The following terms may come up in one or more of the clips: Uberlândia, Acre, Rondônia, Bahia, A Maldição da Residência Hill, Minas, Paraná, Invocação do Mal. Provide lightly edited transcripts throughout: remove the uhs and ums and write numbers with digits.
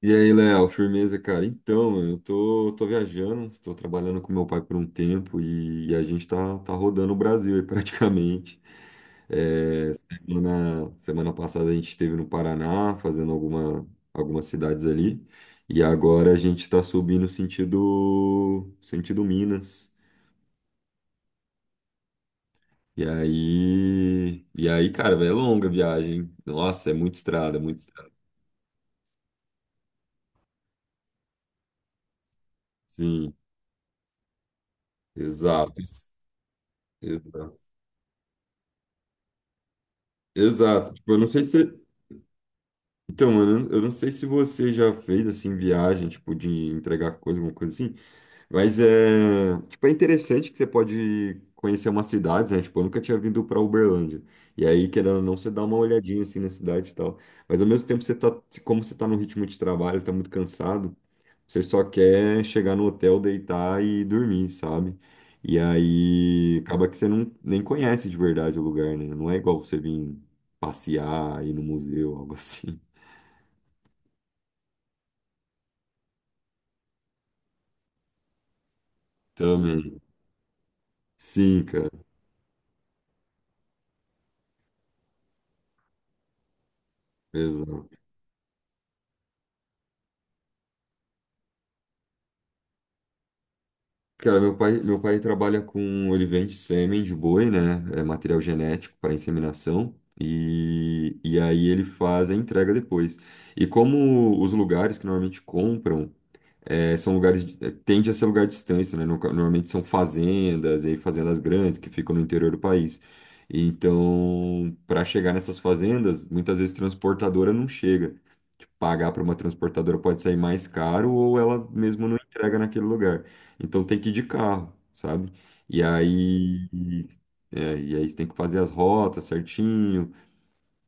E aí, Léo, firmeza, cara? Então, mano, eu tô viajando, tô trabalhando com meu pai por um tempo e a gente tá rodando o Brasil aí praticamente. Na semana passada a gente esteve no Paraná, fazendo algumas cidades ali, e agora a gente tá subindo sentido Minas. Cara, véio, é longa a viagem, hein? Nossa, é muita estrada, muita estrada. Sim, exato, exato. Exato. Tipo, eu não sei se. Então, mano, eu não sei se você já fez, assim, viagem, tipo, de entregar coisa, alguma coisa assim, mas é, tipo, é interessante que você pode conhecer umas cidades, né? Tipo, eu nunca tinha vindo pra Uberlândia. E aí, querendo ou não, você dá uma olhadinha, assim, na cidade e tal. Mas, ao mesmo tempo, você tá, como você tá no ritmo de trabalho, tá muito cansado, você só quer chegar no hotel, deitar e dormir, sabe? E aí, acaba que você não, nem conhece de verdade o lugar, né? Não é igual você vir passear, ir no museu, algo assim. Também. Sim, cara. Exato. Cara, meu pai trabalha com olivente sêmen de boi, né? É material genético para inseminação. E aí ele faz a entrega depois. E como os lugares que normalmente compram é, são lugares, é, tende a ser lugar distante, né? Normalmente são fazendas, e aí fazendas grandes que ficam no interior do país. Então, para chegar nessas fazendas, muitas vezes transportadora não chega. Tipo, pagar para uma transportadora pode sair mais caro ou ela mesmo não entrega naquele lugar. Então tem que ir de carro, sabe? E aí, é, e aí você tem que fazer as rotas certinho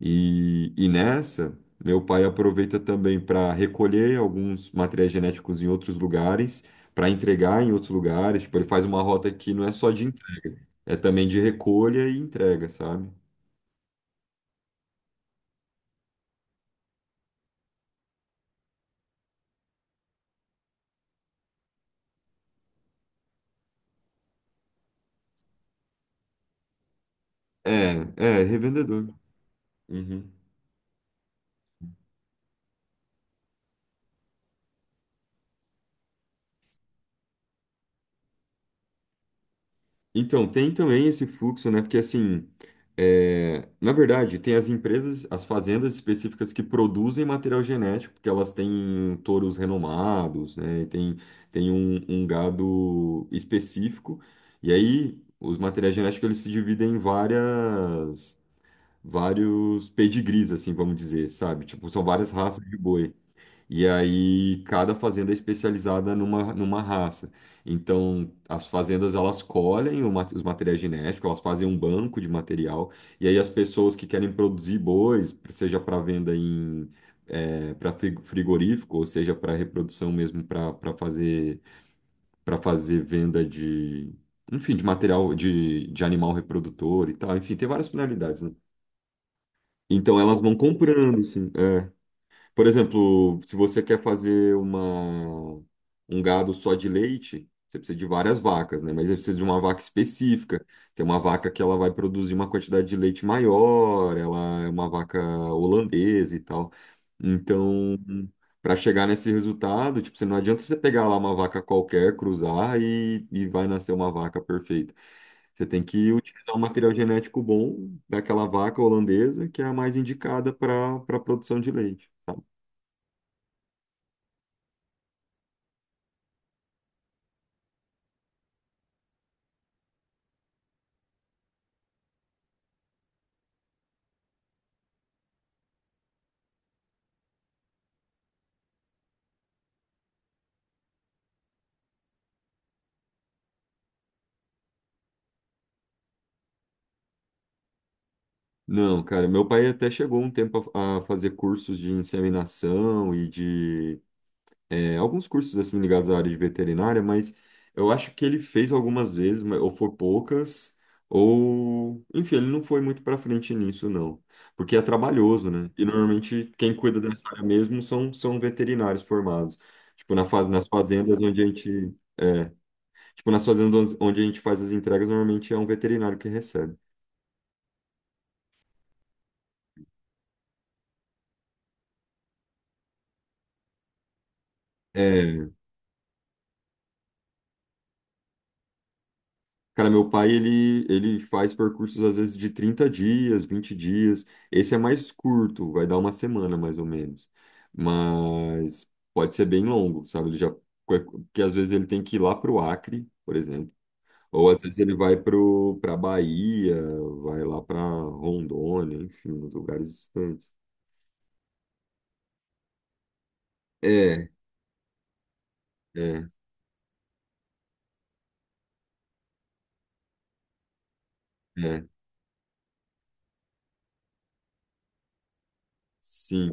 e meu pai aproveita também para recolher alguns materiais genéticos em outros lugares, para entregar em outros lugares. Tipo, ele faz uma rota que não é só de entrega, é também de recolha e entrega, sabe? É, revendedor. Uhum. Então, tem também esse fluxo, né? Porque assim, é, na verdade, tem as empresas, as fazendas específicas que produzem material genético, porque elas têm touros renomados, né? Tem um gado específico. E aí, os materiais genéticos, eles se dividem em vários pedigrees, assim, vamos dizer, sabe? Tipo, são várias raças de boi. E aí cada fazenda é especializada numa raça. Então as fazendas elas colhem os materiais genéticos, elas fazem um banco de material e aí as pessoas que querem produzir bois, seja para venda para frigorífico, ou seja para reprodução mesmo para fazer venda de enfim de material de animal reprodutor e tal. Enfim, tem várias finalidades, né? Então elas vão comprando, assim, é. Por exemplo, se você quer fazer um gado só de leite, você precisa de várias vacas, né? Mas você precisa de uma vaca específica. Tem uma vaca que ela vai produzir uma quantidade de leite maior, ela é uma vaca holandesa e tal. Então, para chegar nesse resultado, tipo, você não adianta você pegar lá uma vaca qualquer, cruzar e vai nascer uma vaca perfeita. Você tem que utilizar um material genético bom daquela vaca holandesa que é a mais indicada para produção de leite. Não, cara, meu pai até chegou um tempo a fazer cursos de inseminação e de é, alguns cursos assim ligados à área de veterinária, mas eu acho que ele fez algumas vezes, ou foi poucas, ou enfim, ele não foi muito pra frente nisso, não, porque é trabalhoso, né? E normalmente quem cuida dessa área mesmo são veterinários formados, nas fazendas onde tipo nas fazendas onde a gente faz as entregas, normalmente é um veterinário que recebe. É. Cara, ele faz percursos às vezes de 30 dias, 20 dias. Esse é mais curto, vai dar uma semana mais ou menos. Mas pode ser bem longo, sabe? Porque às vezes ele tem que ir lá para o Acre, por exemplo. Ou às vezes ele vai para a Bahia, vai lá para Rondônia, enfim, uns lugares distantes. É, é, é. Sim.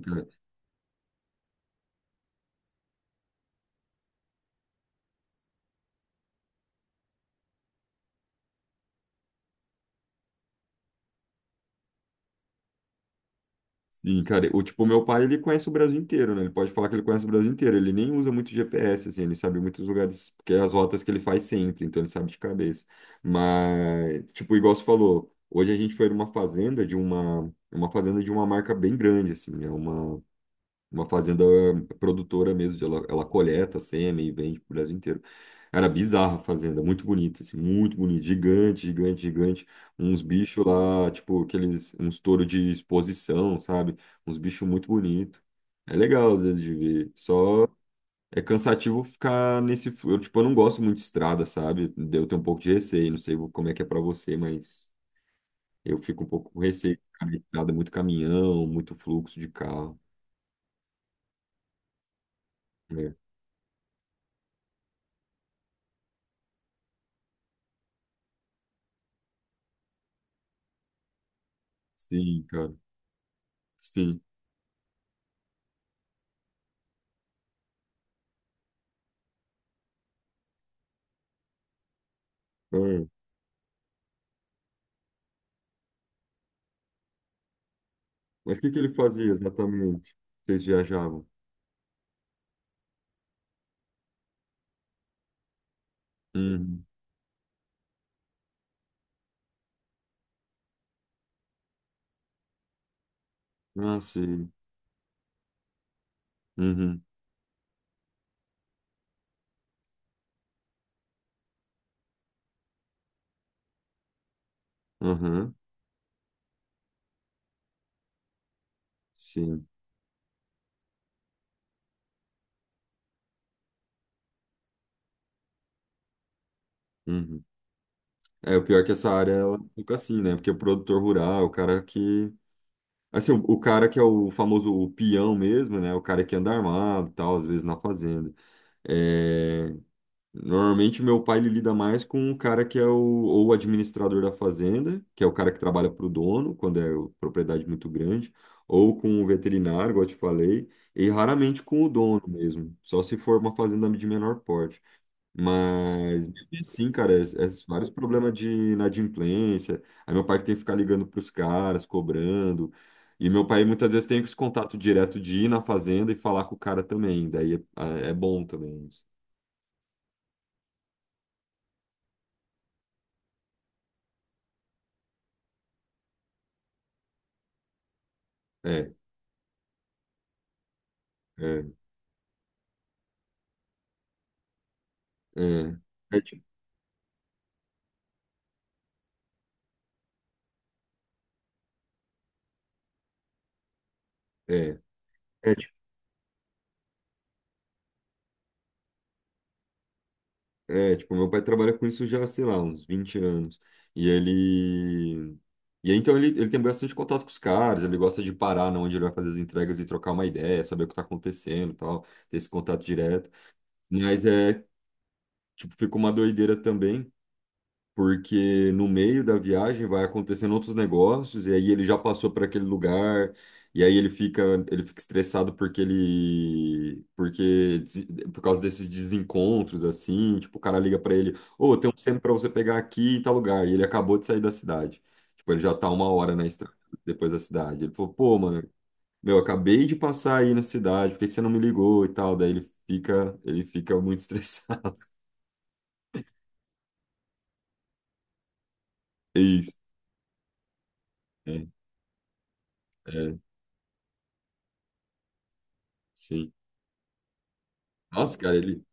Sim, cara, o tipo, ele conhece o Brasil inteiro, né? Ele pode falar que ele conhece o Brasil inteiro. Ele nem usa muito GPS, assim, ele sabe muitos lugares, porque é as rotas que ele faz sempre, então ele sabe de cabeça. Mas, tipo, igual você falou, hoje a gente foi numa uma fazenda de uma marca bem grande, assim, uma fazenda produtora mesmo, ela, ela coleta sêmen e vende pro Brasil inteiro. Era bizarra a fazenda, muito bonita, assim, muito bonita, gigante, gigante, gigante. Uns bichos lá, tipo, aqueles, uns touros de exposição, sabe? Uns bichos muito bonitos. É legal, às vezes, de ver. Só é cansativo ficar nesse, eu, tipo, eu não gosto muito de estrada, sabe? Eu tenho um pouco de receio, não sei como é que é pra você, mas eu fico um pouco com receio de ficar na estrada, muito caminhão, muito fluxo de carro. É. Sim, cara. Sim. Ah, mas o que que ele fazia exatamente? Vocês viajavam? Uhum. Ah, sim. Uhum. Aham. Sim. Uhum. É, o pior é que essa área ela é um pouco assim, né? Porque o produtor rural, o cara que. Assim, o cara que é o famoso o peão mesmo, né? O cara que anda armado e tal, às vezes na fazenda. É. Normalmente, meu pai ele lida mais com o cara que é ou o administrador da fazenda, que é o cara que trabalha para o dono, quando é propriedade muito grande, ou com o veterinário, igual eu te falei, e raramente com o dono mesmo, só se for uma fazenda de menor porte. Mas, mesmo assim, cara, é vários problemas de inadimplência. Aí, meu pai que tem que ficar ligando para os caras, cobrando. E meu pai muitas vezes tem esse contato direto de ir na fazenda e falar com o cara também. Daí é bom também isso. É, é. É, é, tipo, é, é, tipo, tipo, meu pai trabalha com isso já, sei lá, uns 20 anos. E ele. E aí, então, ele tem bastante contato com os caras, ele gosta de parar na onde ele vai fazer as entregas e trocar uma ideia, saber o que tá acontecendo e tal, ter esse contato direto. Mas é, tipo, fica uma doideira também, porque no meio da viagem vai acontecendo outros negócios e aí ele já passou para aquele lugar e aí ele fica estressado por causa desses desencontros assim, tipo, o cara liga para ele, ô, tem um centro para você pegar aqui em tal lugar e ele acabou de sair da cidade. Tipo, ele já tá uma hora na estrada depois da cidade. Ele falou, pô, mano, meu, acabei de passar aí na cidade, por que que você não me ligou e tal? Daí ele fica muito estressado. É isso. É, é, sim. Nossa, cara, ele.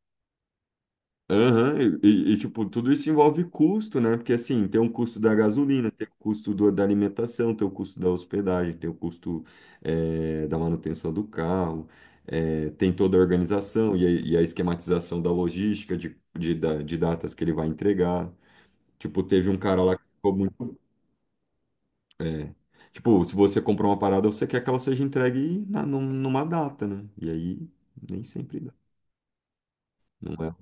Aham, tipo, tudo isso envolve custo, né? Porque assim, tem um custo da gasolina, tem o custo da alimentação, tem o custo da hospedagem, tem o custo da manutenção do carro, tem toda a organização e a esquematização da logística de datas que ele vai entregar. Tipo, teve um cara lá que ficou muito. É, tipo, se você comprou uma parada, você quer que ela seja entregue numa data, né? E aí, nem sempre dá. Não é.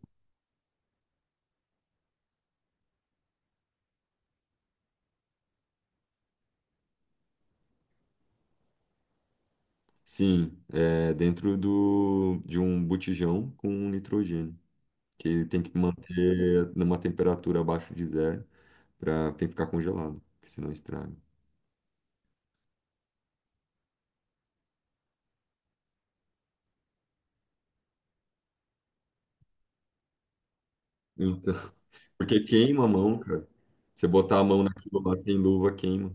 Sim, é dentro do, de um botijão com um nitrogênio, que ele tem que manter numa temperatura abaixo de zero, pra, tem que ficar congelado, que senão estraga. Então, porque queima a mão, cara. Você botar a mão naquilo lá sem luva, queima.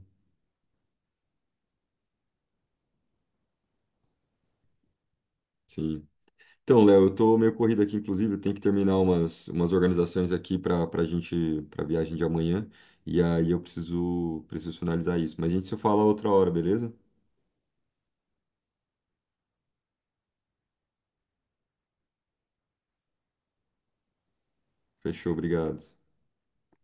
Sim. Então, Léo, eu tô meio corrido aqui, inclusive, eu tenho que terminar umas organizações aqui pra gente, pra viagem de amanhã, e aí preciso finalizar isso. Mas a gente se fala outra hora, beleza? Fechou, obrigado.